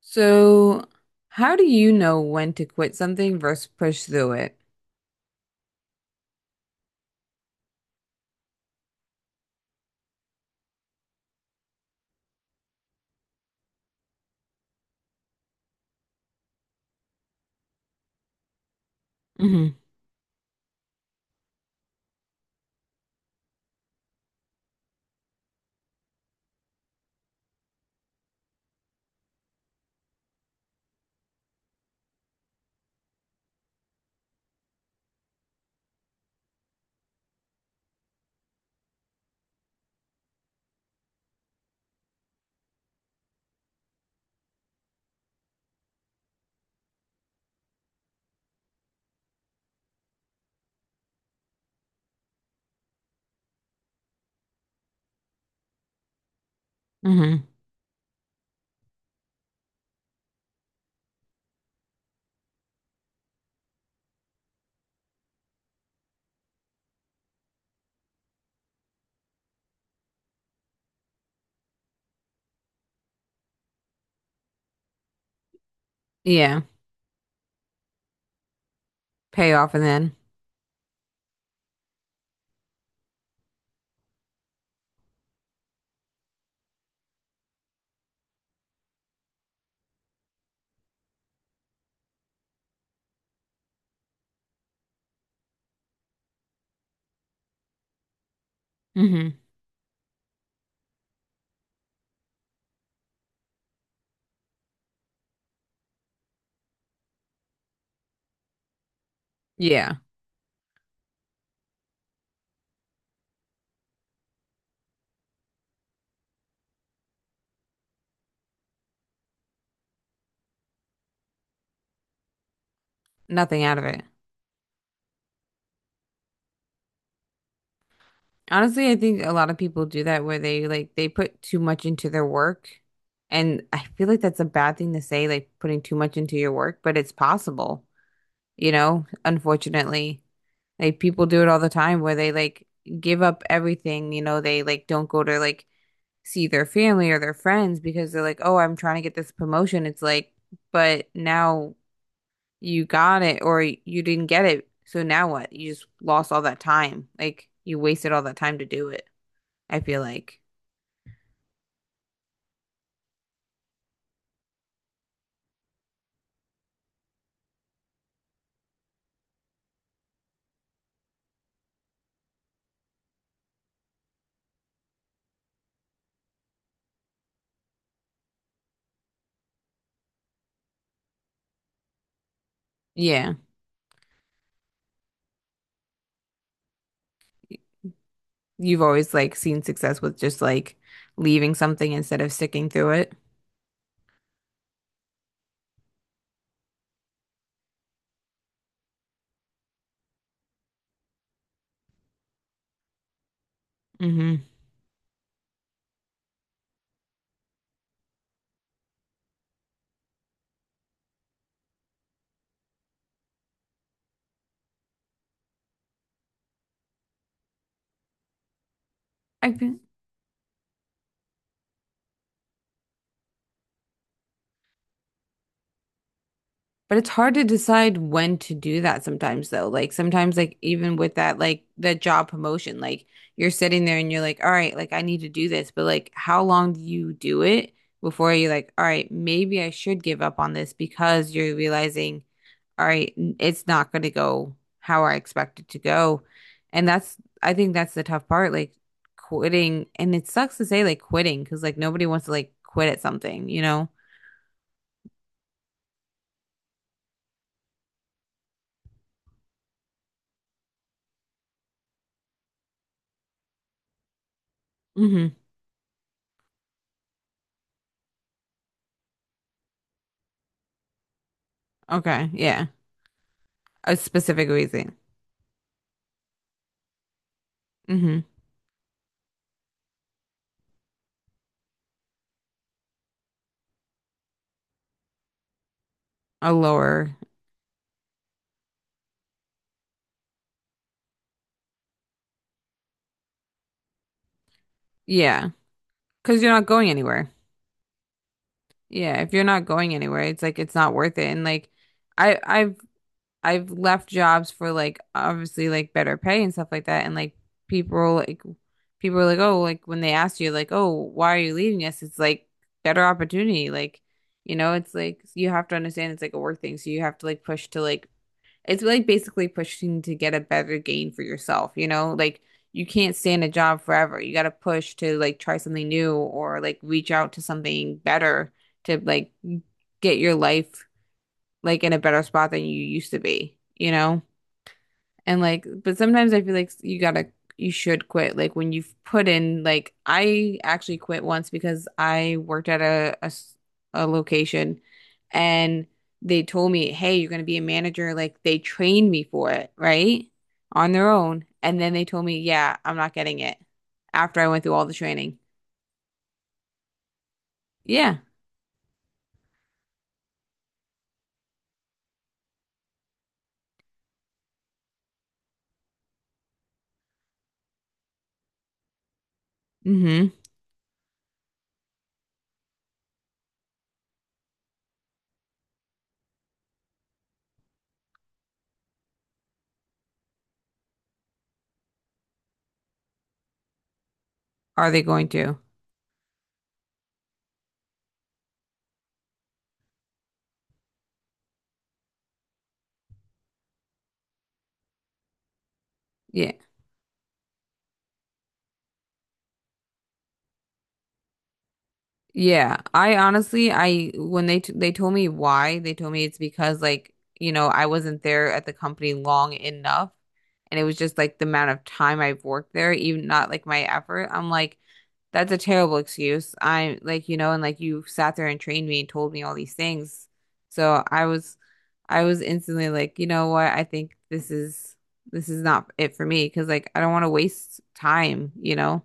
So, how do you know when to quit something versus push through it? Hmm. Hmm. Yeah. Pay off and then. Hmm. Yeah. Nothing out of it. Honestly, I think a lot of people do that where they like they put too much into their work. And I feel like that's a bad thing to say, like putting too much into your work, but it's possible, you know, unfortunately. Like people do it all the time where they like give up everything, you know, they like don't go to like see their family or their friends because they're like, oh, I'm trying to get this promotion. It's like, but now you got it or you didn't get it. So now what? You just lost all that time. Like you wasted all that time to do it. I feel like, yeah, you've always like seen success with just like leaving something instead of sticking through it. Mm-hmm. I feel, but it's hard to decide when to do that sometimes though. Like sometimes like even with that like the job promotion, like you're sitting there and you're like, all right, like I need to do this, but like how long do you do it before you're like, all right, maybe I should give up on this because you're realizing, all right, it's not going to go how I expect it to go. And that's I think that's the tough part, like quitting. And it sucks to say like quitting because like nobody wants to like quit at something, you know? Hmm. Okay, yeah. A specific reason. Hmm. A lower. Yeah. Because you're not going anywhere. Yeah. If you're not going anywhere, it's like it's not worth it. And like I've I've left jobs for like obviously like better pay and stuff like that. And like people are like, oh, like when they ask you like, oh, why are you leaving us? It's like better opportunity. Like, you know, it's like you have to understand it's like a work thing. So you have to like push to like it's like basically pushing to get a better gain for yourself, you know? Like you can't stay in a job forever. You got to push to like try something new or like reach out to something better to like get your life like in a better spot than you used to be, you know? And like, but sometimes I feel like you gotta, you should quit. Like when you've put in, like I actually quit once because I worked at a, a location and they told me, hey, you're gonna be a manager. Like they trained me for it, right? On their own. And then they told me, yeah, I'm not getting it after I went through all the training. Yeah. Mm-hmm. Are they going to? Yeah. Yeah, I honestly, I when they told me why, they told me it's because like, you know, I wasn't there at the company long enough and it was just like the amount of time I've worked there, even not like my effort. I'm like, that's a terrible excuse. I'm like, you know, and like you sat there and trained me and told me all these things. So I was instantly like, you know what? I think this is not it for me because like I don't want to waste time, you know?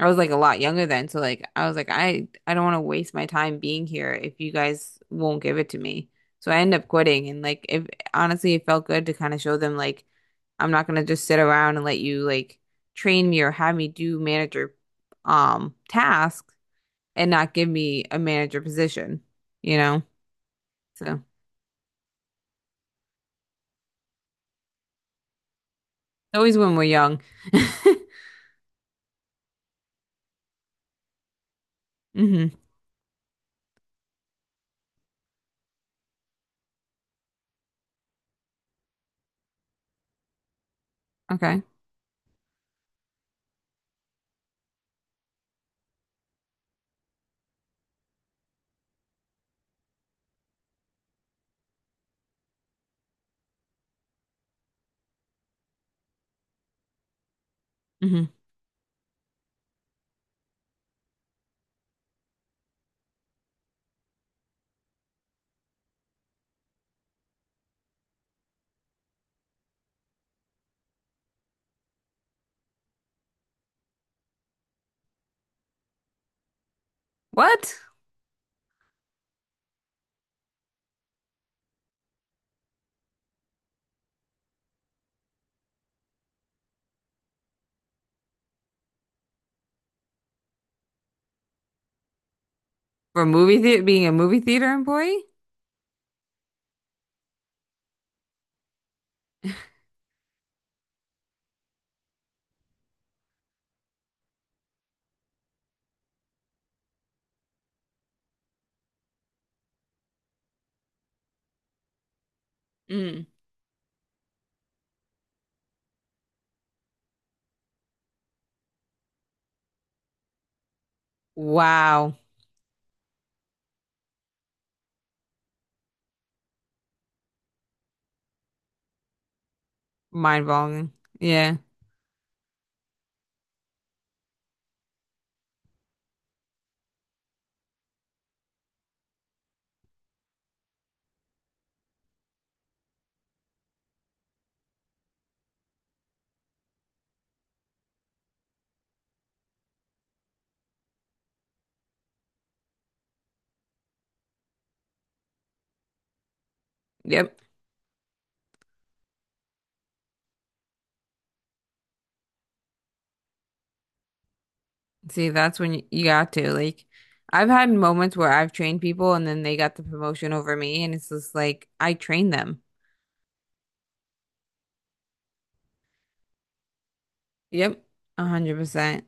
I was like a lot younger then, so like I was like I don't want to waste my time being here if you guys won't give it to me. So I ended up quitting and like if honestly it felt good to kind of show them like I'm not gonna just sit around and let you like train me or have me do manager tasks and not give me a manager position, you know? So it's always when we're young. Hmm. Okay. Hmm. What? For movie theater being a movie theater employee? Mm. Wow. Mind-boggling. Yeah. Yep. See, that's when you got to like I've had moments where I've trained people and then they got the promotion over me and it's just like I trained them. Yep. 100%.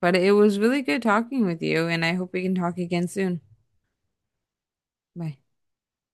But it was really good talking with you and I hope we can talk again soon. Bye.